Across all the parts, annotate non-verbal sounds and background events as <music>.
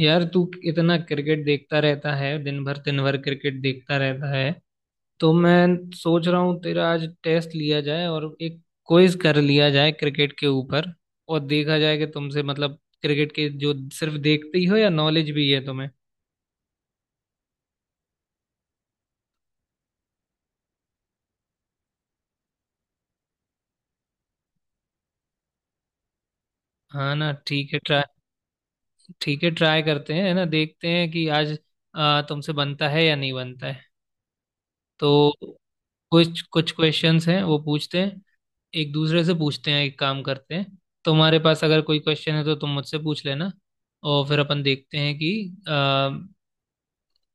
यार तू इतना क्रिकेट देखता रहता है। दिन भर क्रिकेट देखता रहता है। तो मैं सोच रहा हूँ तेरा आज टेस्ट लिया जाए और एक क्विज कर लिया जाए क्रिकेट के ऊपर। और देखा जाए कि तुमसे मतलब क्रिकेट के जो सिर्फ देखते ही हो या नॉलेज भी है तुम्हें। हाँ ना, ठीक है ट्राई, ठीक है ट्राई करते हैं है ना। देखते हैं कि आज तुमसे बनता है या नहीं बनता है। तो कुछ कुछ क्वेश्चंस हैं वो पूछते हैं, एक दूसरे से पूछते हैं, एक काम करते हैं। तुम्हारे पास अगर कोई क्वेश्चन है तो तुम मुझसे पूछ लेना। और फिर अपन देखते हैं कि अ,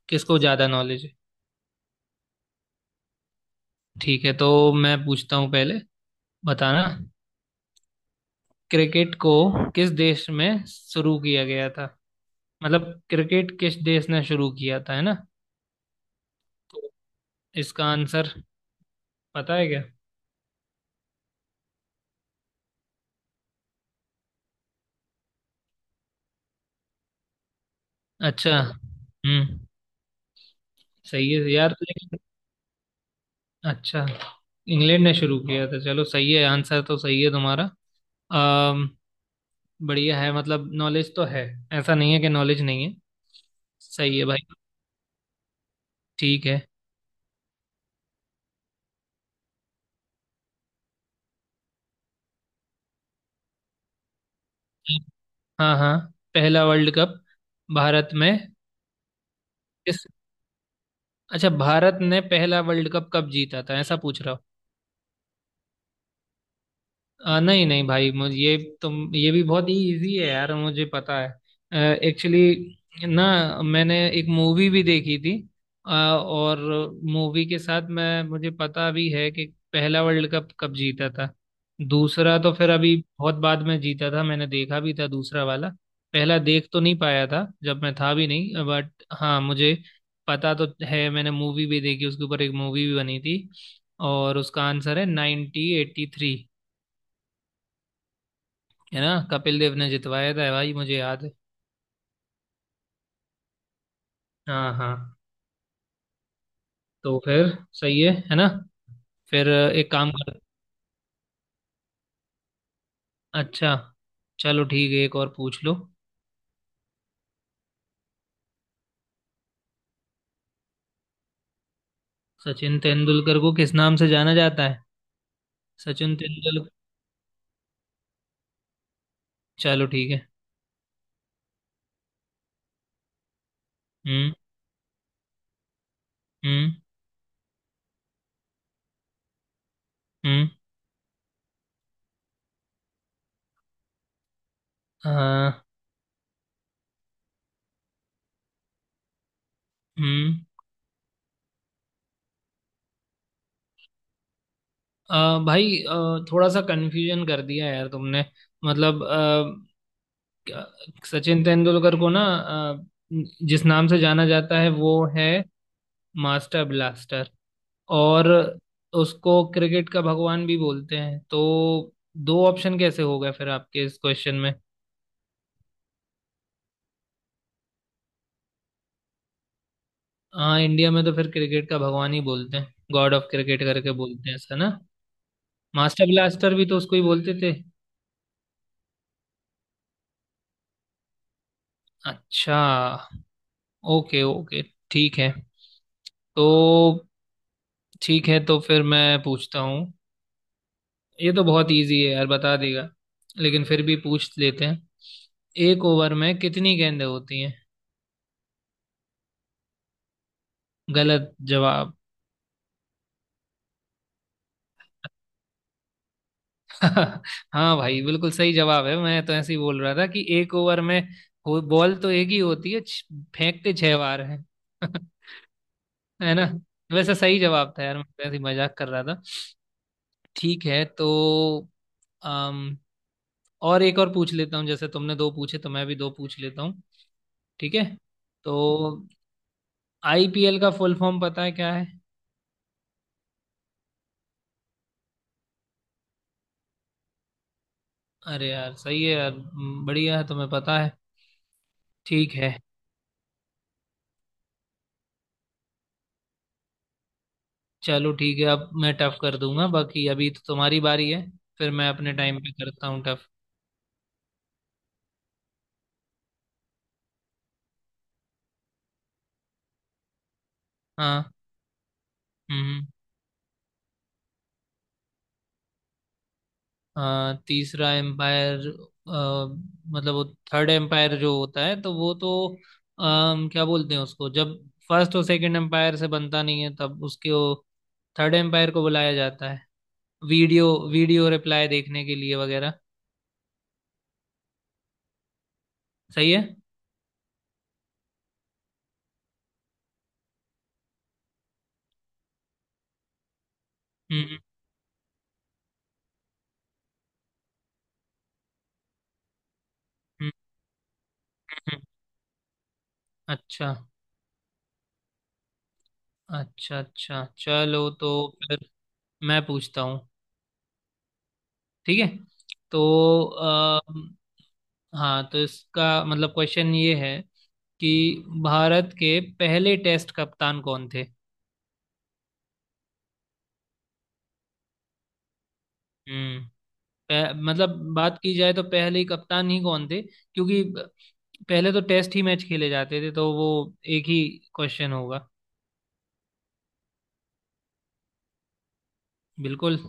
किसको ज़्यादा नॉलेज है। ठीक है तो मैं पूछता हूँ पहले, बताना। क्रिकेट को किस देश में शुरू किया गया था, मतलब क्रिकेट किस देश ने शुरू किया था है ना। तो इसका आंसर पता है क्या। अच्छा। हम्म, सही है यार लेकिन। अच्छा, इंग्लैंड ने शुरू किया था, चलो सही है, आंसर तो सही है तुम्हारा। अम बढ़िया है, मतलब नॉलेज तो है। ऐसा नहीं है कि नॉलेज नहीं है। सही है भाई। ठीक है। हाँ हाँ, पहला वर्ल्ड कप भारत में किस। अच्छा, भारत ने पहला वर्ल्ड कप कब जीता था, ऐसा पूछ रहा। नहीं नहीं भाई मुझे ये, तुम ये भी बहुत ही इजी है यार, मुझे पता है एक्चुअली ना। मैंने एक मूवी भी देखी थी और मूवी के साथ मैं मुझे पता भी है कि पहला वर्ल्ड कप कब जीता था। दूसरा तो फिर अभी बहुत बाद में जीता था, मैंने देखा भी था दूसरा वाला। पहला देख तो नहीं पाया था जब मैं था भी नहीं, बट हाँ मुझे पता तो है, मैंने मूवी भी देखी उसके ऊपर, एक मूवी भी बनी थी। और उसका आंसर है 1983। है ना, कपिल देव ने जितवाया था भाई मुझे याद है। हाँ हाँ, तो फिर सही है ना। फिर एक काम कर। अच्छा, चलो ठीक है एक और पूछ लो। सचिन तेंदुलकर को किस नाम से जाना जाता है। सचिन तेंदुलकर। चलो ठीक है। हम्म। हम्म। हम्म। हाँ। हम्म। भाई थोड़ा सा कंफ्यूजन कर दिया यार तुमने। मतलब सचिन तेंदुलकर को ना, जिस नाम से जाना जाता है वो है मास्टर ब्लास्टर। और उसको क्रिकेट का भगवान भी बोलते हैं, तो दो ऑप्शन कैसे हो गए फिर आपके इस क्वेश्चन में। हाँ, इंडिया में तो फिर क्रिकेट का भगवान ही बोलते हैं, गॉड ऑफ क्रिकेट करके बोलते हैं ऐसा ना। मास्टर ब्लास्टर भी तो उसको ही बोलते थे। अच्छा, ओके ओके, ठीक है। तो ठीक है तो फिर मैं पूछता हूँ। ये तो बहुत इजी है यार, बता देगा, लेकिन फिर भी पूछ लेते हैं। एक ओवर में कितनी गेंदें होती हैं। गलत जवाब। हाँ भाई बिल्कुल सही जवाब है, मैं तो ऐसे ही बोल रहा था कि एक ओवर में बॉल तो एक ही होती है, फेंकते छह बार है। <laughs> है ना। वैसे सही जवाब था यार, मैं तो ऐसे ही मजाक कर रहा था। ठीक है तो अम, और एक और पूछ लेता हूँ, जैसे तुमने दो पूछे तो मैं भी दो पूछ लेता हूँ। ठीक है। तो आईपीएल का फुल फॉर्म पता है क्या है। अरे यार सही है यार, बढ़िया है तुम्हें पता है। ठीक है। चलो ठीक है, अब मैं टफ कर दूंगा, बाकी अभी तो तुम्हारी बारी है। फिर मैं अपने टाइम पे करता हूँ टफ। हाँ। हम्म। हाँ तीसरा एम्पायर, मतलब वो थर्ड एम्पायर जो होता है, तो वो तो क्या बोलते हैं उसको, जब फर्स्ट और सेकंड एम्पायर से बनता नहीं है तब उसके थर्ड एम्पायर को बुलाया जाता है। वीडियो, वीडियो रिप्लाई देखने के लिए वगैरह। सही है। हम्म। हम्म, हम्म, अच्छा। अच्छा अच्छा, चलो तो फिर मैं पूछता हूँ। ठीक है तो आ, हाँ तो इसका मतलब क्वेश्चन ये है कि भारत के पहले टेस्ट कप्तान कौन थे। हम्म। मतलब बात की जाए तो पहले ही कप्तान ही कौन थे, क्योंकि पहले तो टेस्ट ही मैच खेले जाते थे, तो वो एक ही क्वेश्चन होगा। बिल्कुल।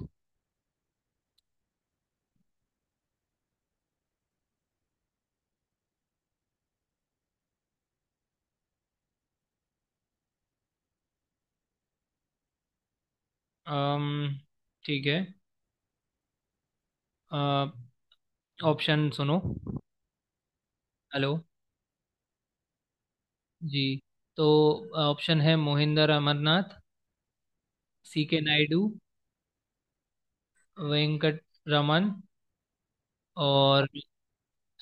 अम्म ठीक है, ऑप्शन सुनो। हेलो जी। तो ऑप्शन है मोहिंदर अमरनाथ, सी के नायडू, वेंकट रमन, और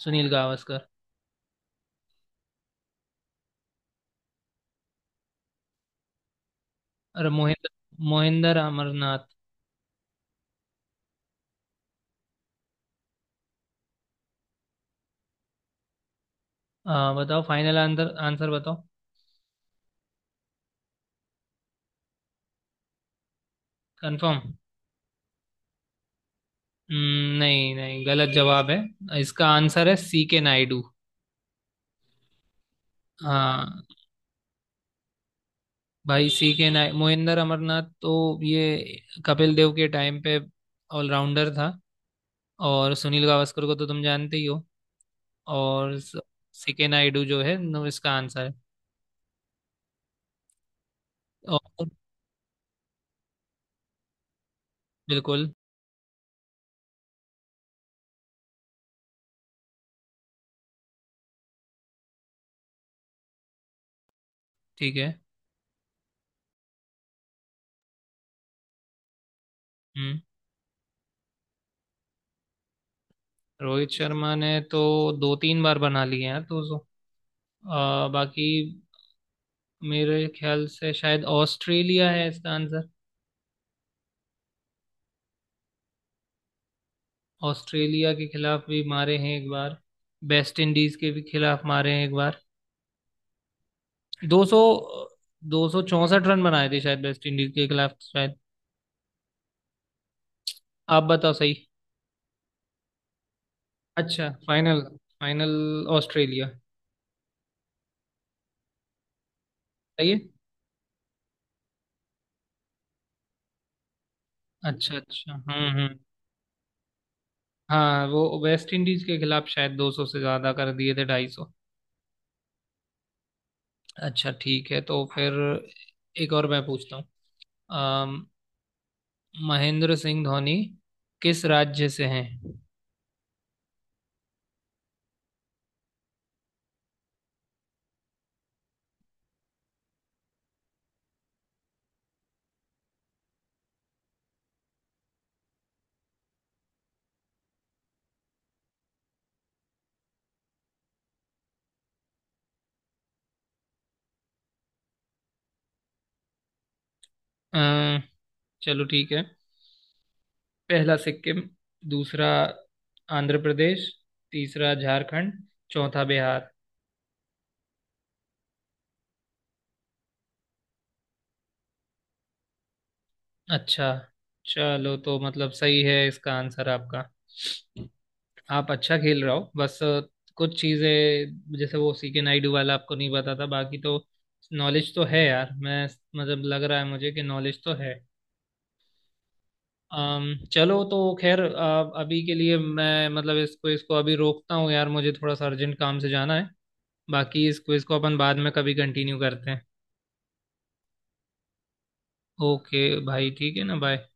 सुनील गावस्कर। अरे मोहिंदर, मोहिंदर अमरनाथ। बताओ फाइनल आंसर, आंसर बताओ। कंफर्म। नहीं नहीं गलत जवाब है, इसका आंसर है सी के नायडू। हाँ भाई, सी के नाय मोहिंदर अमरनाथ तो ये कपिल देव के टाइम पे ऑलराउंडर था। और सुनील गावस्कर को तो तुम जानते ही हो। और सी के नायडू जो है, नो, इसका आंसर है। और बिल्कुल। ठीक है। हम्म। रोहित शर्मा ने तो दो तीन बार बना लिए हैं, तो बाकी मेरे ख्याल से शायद ऑस्ट्रेलिया है इसका आंसर। ऑस्ट्रेलिया के खिलाफ भी मारे हैं एक बार, वेस्ट इंडीज के भी खिलाफ मारे हैं एक बार। 200, 264 रन बनाए थे शायद वेस्ट इंडीज के खिलाफ शायद। आप बताओ सही। अच्छा फाइनल, फाइनल ऑस्ट्रेलिया। सही है। अच्छा अच्छा, हम्म। हाँ वो वेस्ट इंडीज के खिलाफ शायद 200 से ज्यादा कर दिए थे, 250। अच्छा ठीक है तो फिर एक और मैं पूछता हूँ। महेंद्र सिंह धोनी किस राज्य से हैं। अ, चलो ठीक है, पहला सिक्किम, दूसरा आंध्र प्रदेश, तीसरा झारखंड, चौथा बिहार। अच्छा, चलो तो मतलब सही है इसका आंसर आपका। आप अच्छा खेल रहे हो, बस कुछ चीजें जैसे वो सी के नायडू वाला आपको नहीं पता था, बाकी तो नॉलेज तो है यार, मैं मतलब लग रहा है मुझे कि नॉलेज तो है। चलो तो खैर अभी के लिए मैं मतलब इसको इसको अभी रोकता हूँ यार, मुझे थोड़ा सा अर्जेंट काम से जाना है। बाकी इस क्विज को अपन बाद में कभी कंटिन्यू करते हैं। ओके। भाई ठीक है ना, बाय।